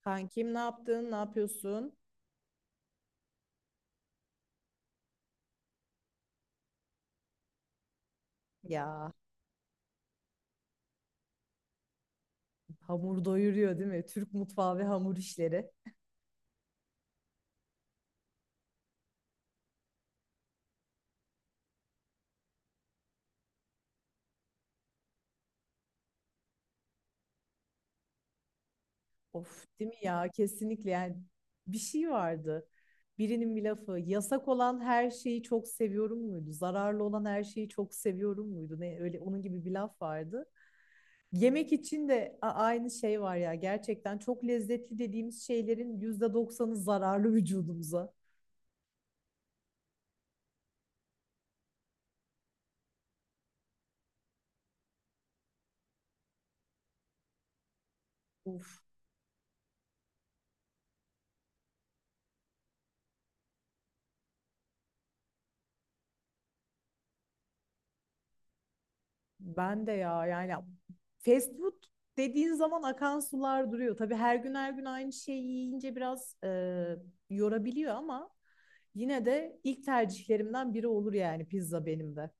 Kankim ne yaptın? Ne yapıyorsun? Ya hamur doyuruyor değil mi? Türk mutfağı ve hamur işleri. Of değil mi ya? Kesinlikle yani bir şey vardı. Birinin bir lafı yasak olan her şeyi çok seviyorum muydu? Zararlı olan her şeyi çok seviyorum muydu? Ne öyle onun gibi bir laf vardı. Yemek için de aynı şey var ya. Gerçekten çok lezzetli dediğimiz şeylerin yüzde doksanı zararlı vücudumuza. Uf, ben de ya yani fast food dediğin zaman akan sular duruyor. Tabii her gün her gün aynı şeyi yiyince biraz yorabiliyor ama yine de ilk tercihlerimden biri olur yani pizza benim de.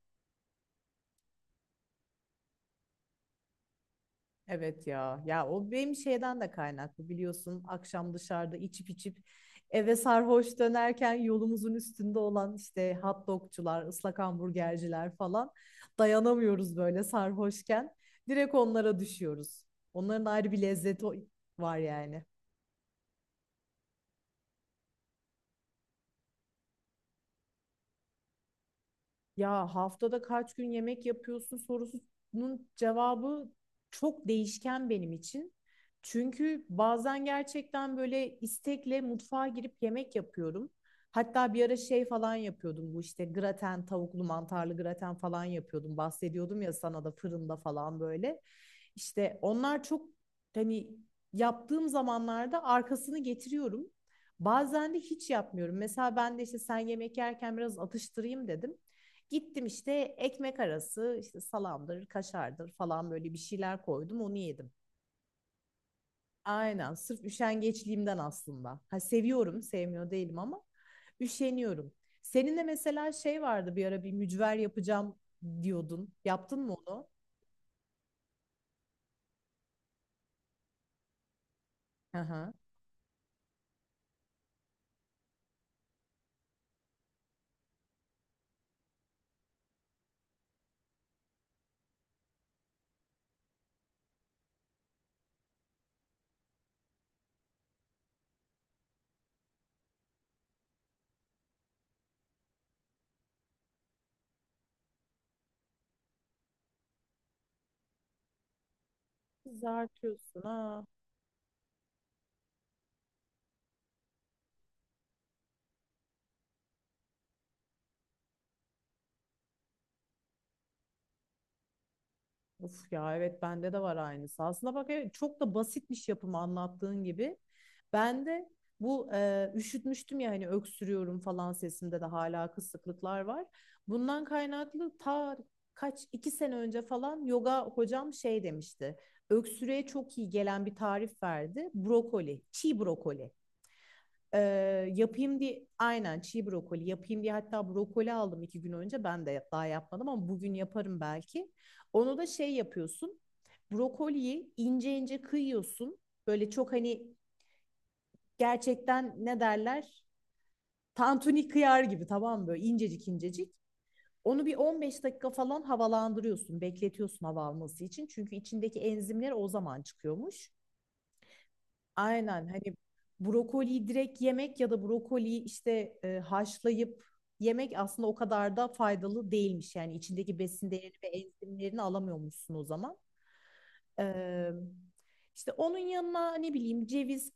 Evet ya. Ya o benim şeyden de kaynaklı biliyorsun. Akşam dışarıda içip içip eve sarhoş dönerken yolumuzun üstünde olan işte hot dogcular, ıslak hamburgerciler falan dayanamıyoruz böyle sarhoşken. Direkt onlara düşüyoruz. Onların ayrı bir lezzeti var yani. Ya haftada kaç gün yemek yapıyorsun sorusunun cevabı çok değişken benim için. Çünkü bazen gerçekten böyle istekle mutfağa girip yemek yapıyorum. Hatta bir ara şey falan yapıyordum bu işte graten, tavuklu mantarlı graten falan yapıyordum. Bahsediyordum ya sana da fırında falan böyle. İşte onlar çok hani yaptığım zamanlarda arkasını getiriyorum. Bazen de hiç yapmıyorum. Mesela ben de işte sen yemek yerken biraz atıştırayım dedim. Gittim işte ekmek arası işte salamdır, kaşardır falan böyle bir şeyler koydum onu yedim. Aynen sırf üşengeçliğimden aslında. Ha seviyorum, sevmiyor değilim ama üşeniyorum. Senin de mesela şey vardı bir ara bir mücver yapacağım diyordun. Yaptın mı onu? Hı hı. Kızartıyorsun. Ha. Of ya evet, bende de var aynısı. Aslında bak evet, çok da basitmiş yapımı anlattığın gibi. Ben de bu üşütmüştüm ya hani öksürüyorum falan sesimde de hala kısıklıklar var. Bundan kaynaklı ta kaç iki sene önce falan yoga hocam şey demişti. Öksürüğe çok iyi gelen bir tarif verdi. Brokoli, çiğ brokoli. Ee, yapayım diye aynen çiğ brokoli yapayım diye hatta brokoli aldım iki gün önce ben de daha yapmadım ama bugün yaparım belki. Onu da şey yapıyorsun brokoliyi ince ince kıyıyorsun böyle çok hani gerçekten ne derler tantuni kıyar gibi, tamam mı? Böyle incecik incecik. Onu bir 15 dakika falan havalandırıyorsun bekletiyorsun hava alması için çünkü içindeki enzimler o zaman çıkıyormuş. Aynen hani brokoliyi direkt yemek ya da brokoliyi işte haşlayıp yemek aslında o kadar da faydalı değilmiş. Yani içindeki besin değerini ve enzimlerini alamıyormuşsun o zaman. Ee, işte onun yanına ne bileyim ceviz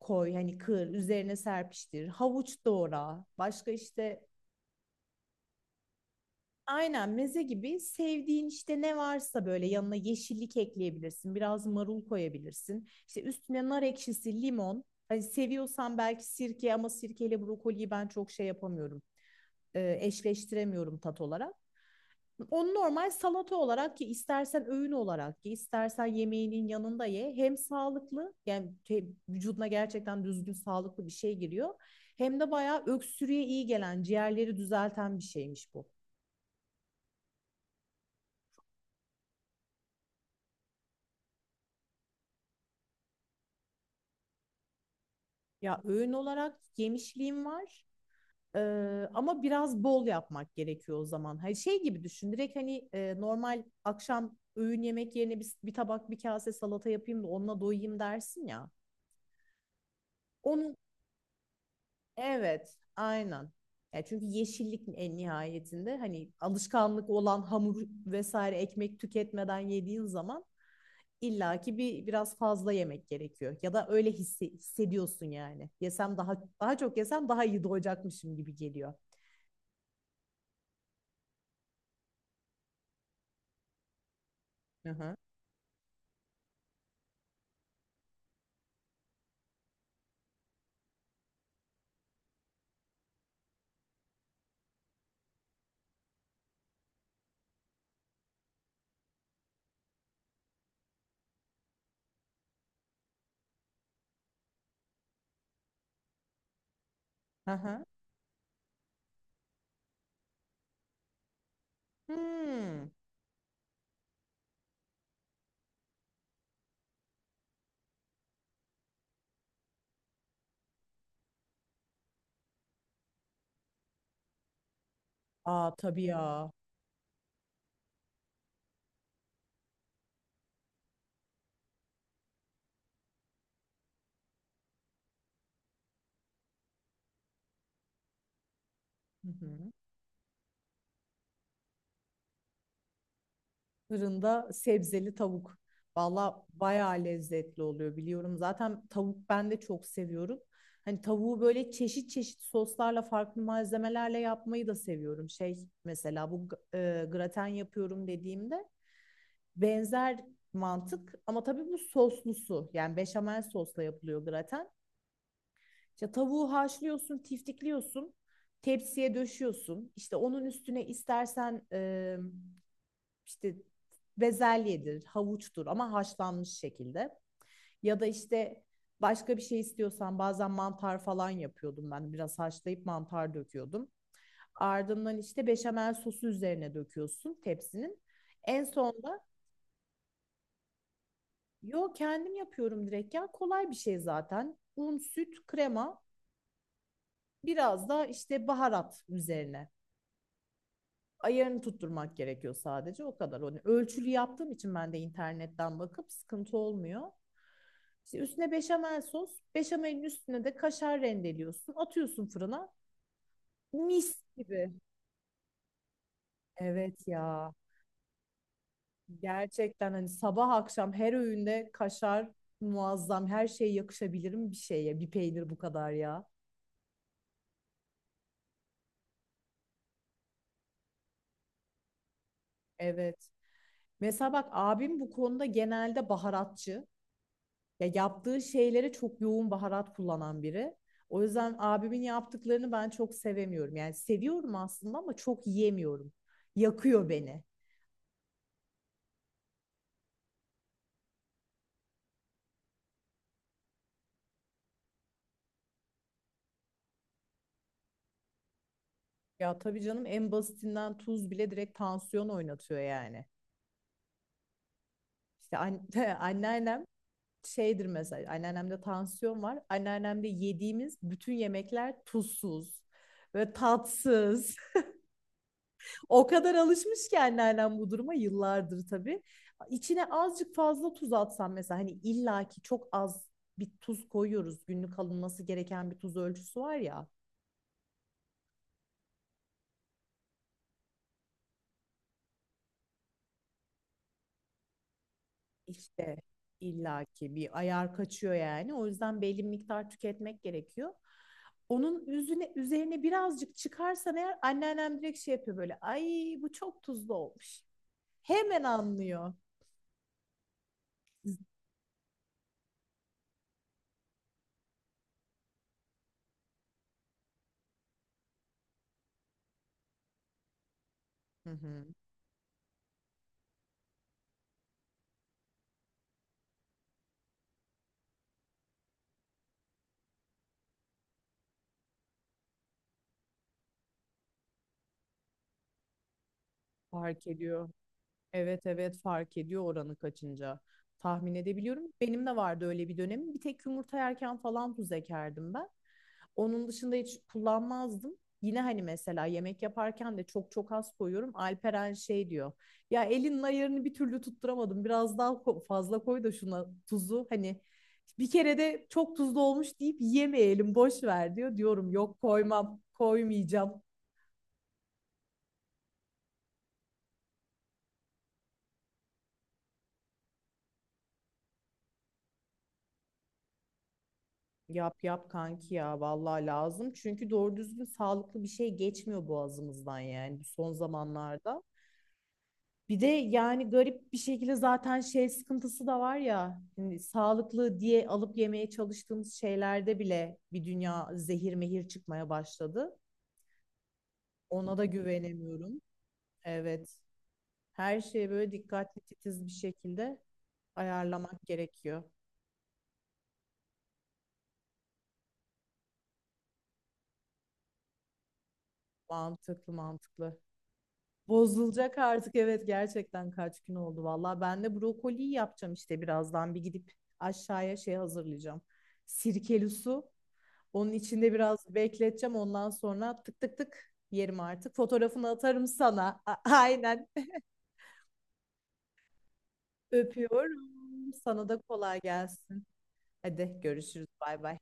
koy hani kır üzerine serpiştir havuç doğra başka işte aynen meze gibi sevdiğin işte ne varsa böyle yanına yeşillik ekleyebilirsin. Biraz marul koyabilirsin. İşte üstüne nar ekşisi, limon. Hani seviyorsan belki sirke ama sirkeyle brokoliyi ben çok şey yapamıyorum. Eşleştiremiyorum tat olarak. Onu normal salata olarak ki istersen öğün olarak ki istersen yemeğinin yanında ye. Hem sağlıklı yani şey, vücuduna gerçekten düzgün sağlıklı bir şey giriyor. Hem de bayağı öksürüğe iyi gelen, ciğerleri düzelten bir şeymiş bu. Ya öğün olarak yemişliğim var. Ee, ama biraz bol yapmak gerekiyor o zaman. Hani şey gibi düşün. Direkt hani normal akşam öğün yemek yerine bir tabak bir kase salata yapayım da onunla doyayım dersin ya. Onun evet, aynen. Ya çünkü yeşillik en nihayetinde hani alışkanlık olan hamur vesaire ekmek tüketmeden yediğin zaman illaki bir biraz fazla yemek gerekiyor. Ya da öyle hissediyorsun yani. Yesem daha daha çok yesem daha iyi doyacakmışım gibi geliyor. Aha. Aha. Hmm. Aa tabii ya. Hı hı. Fırında sebzeli tavuk. Valla bayağı lezzetli oluyor biliyorum. Zaten tavuk ben de çok seviyorum. Hani tavuğu böyle çeşit çeşit soslarla farklı malzemelerle yapmayı da seviyorum. Şey mesela bu graten yapıyorum dediğimde benzer mantık ama tabii bu soslusu yani beşamel sosla yapılıyor graten. İşte tavuğu haşlıyorsun, tiftikliyorsun, tepsiye döşüyorsun. İşte onun üstüne istersen işte bezelyedir, havuçtur ama haşlanmış şekilde. Ya da işte başka bir şey istiyorsan bazen mantar falan yapıyordum ben. Biraz haşlayıp mantar döküyordum. Ardından işte beşamel sosu üzerine döküyorsun tepsinin. En sonda yo kendim yapıyorum direkt ya kolay bir şey zaten. Un, süt, krema biraz da işte baharat üzerine. Ayarını tutturmak gerekiyor sadece o kadar. Hani ölçülü yaptığım için ben de internetten bakıp sıkıntı olmuyor. İşte üstüne beşamel sos, beşamelin üstüne de kaşar rendeliyorsun, atıyorsun fırına. Mis gibi. Evet ya. Gerçekten hani sabah akşam her öğünde kaşar muazzam. Her şeye yakışabilirim bir şeye. Bir peynir bu kadar ya. Evet. Mesela bak abim bu konuda genelde baharatçı. Ya yaptığı şeylere çok yoğun baharat kullanan biri. O yüzden abimin yaptıklarını ben çok sevemiyorum. Yani seviyorum aslında ama çok yiyemiyorum. Yakıyor beni. Ya tabii canım en basitinden tuz bile direkt tansiyon oynatıyor yani. İşte anneannem şeydir mesela, anneannemde tansiyon var. Anneannemde yediğimiz bütün yemekler tuzsuz ve tatsız. O kadar alışmış ki anneannem bu duruma yıllardır tabii. İçine azıcık fazla tuz atsam mesela hani illaki çok az bir tuz koyuyoruz. Günlük alınması gereken bir tuz ölçüsü var ya. İşte illaki bir ayar kaçıyor yani. O yüzden belli bir miktar tüketmek gerekiyor. Onun üzerine birazcık çıkarsan eğer anneannem direkt şey yapıyor böyle. Ay bu çok tuzlu olmuş. Hemen anlıyor. Hı hı. Fark ediyor. Evet evet fark ediyor oranı kaçınca. Tahmin edebiliyorum. Benim de vardı öyle bir dönemim. Bir tek yumurta yerken falan tuz ekerdim ben. Onun dışında hiç kullanmazdım. Yine hani mesela yemek yaparken de çok çok az koyuyorum. Alperen şey diyor. Ya elinin ayarını bir türlü tutturamadım. Biraz daha fazla koy da şuna tuzu. Hani bir kere de çok tuzlu olmuş deyip yemeyelim boş ver diyor. Diyorum yok koymam koymayacağım. Yap yap kanki ya vallahi lazım. Çünkü doğru düzgün sağlıklı bir şey geçmiyor boğazımızdan yani bu son zamanlarda. Bir de yani garip bir şekilde zaten şey sıkıntısı da var ya. Hani sağlıklı diye alıp yemeye çalıştığımız şeylerde bile bir dünya zehir mehir çıkmaya başladı. Ona da güvenemiyorum. Evet. Her şeye böyle dikkatli titiz bir şekilde ayarlamak gerekiyor. Mantıklı mantıklı. Bozulacak artık evet gerçekten kaç gün oldu valla. Ben de brokoliyi yapacağım işte birazdan bir gidip aşağıya şey hazırlayacağım. Sirkeli su. Onun içinde biraz bekleteceğim ondan sonra tık tık tık yerim artık. Fotoğrafını atarım sana. Aynen öpüyorum. Sana da kolay gelsin. Hadi görüşürüz bay bay.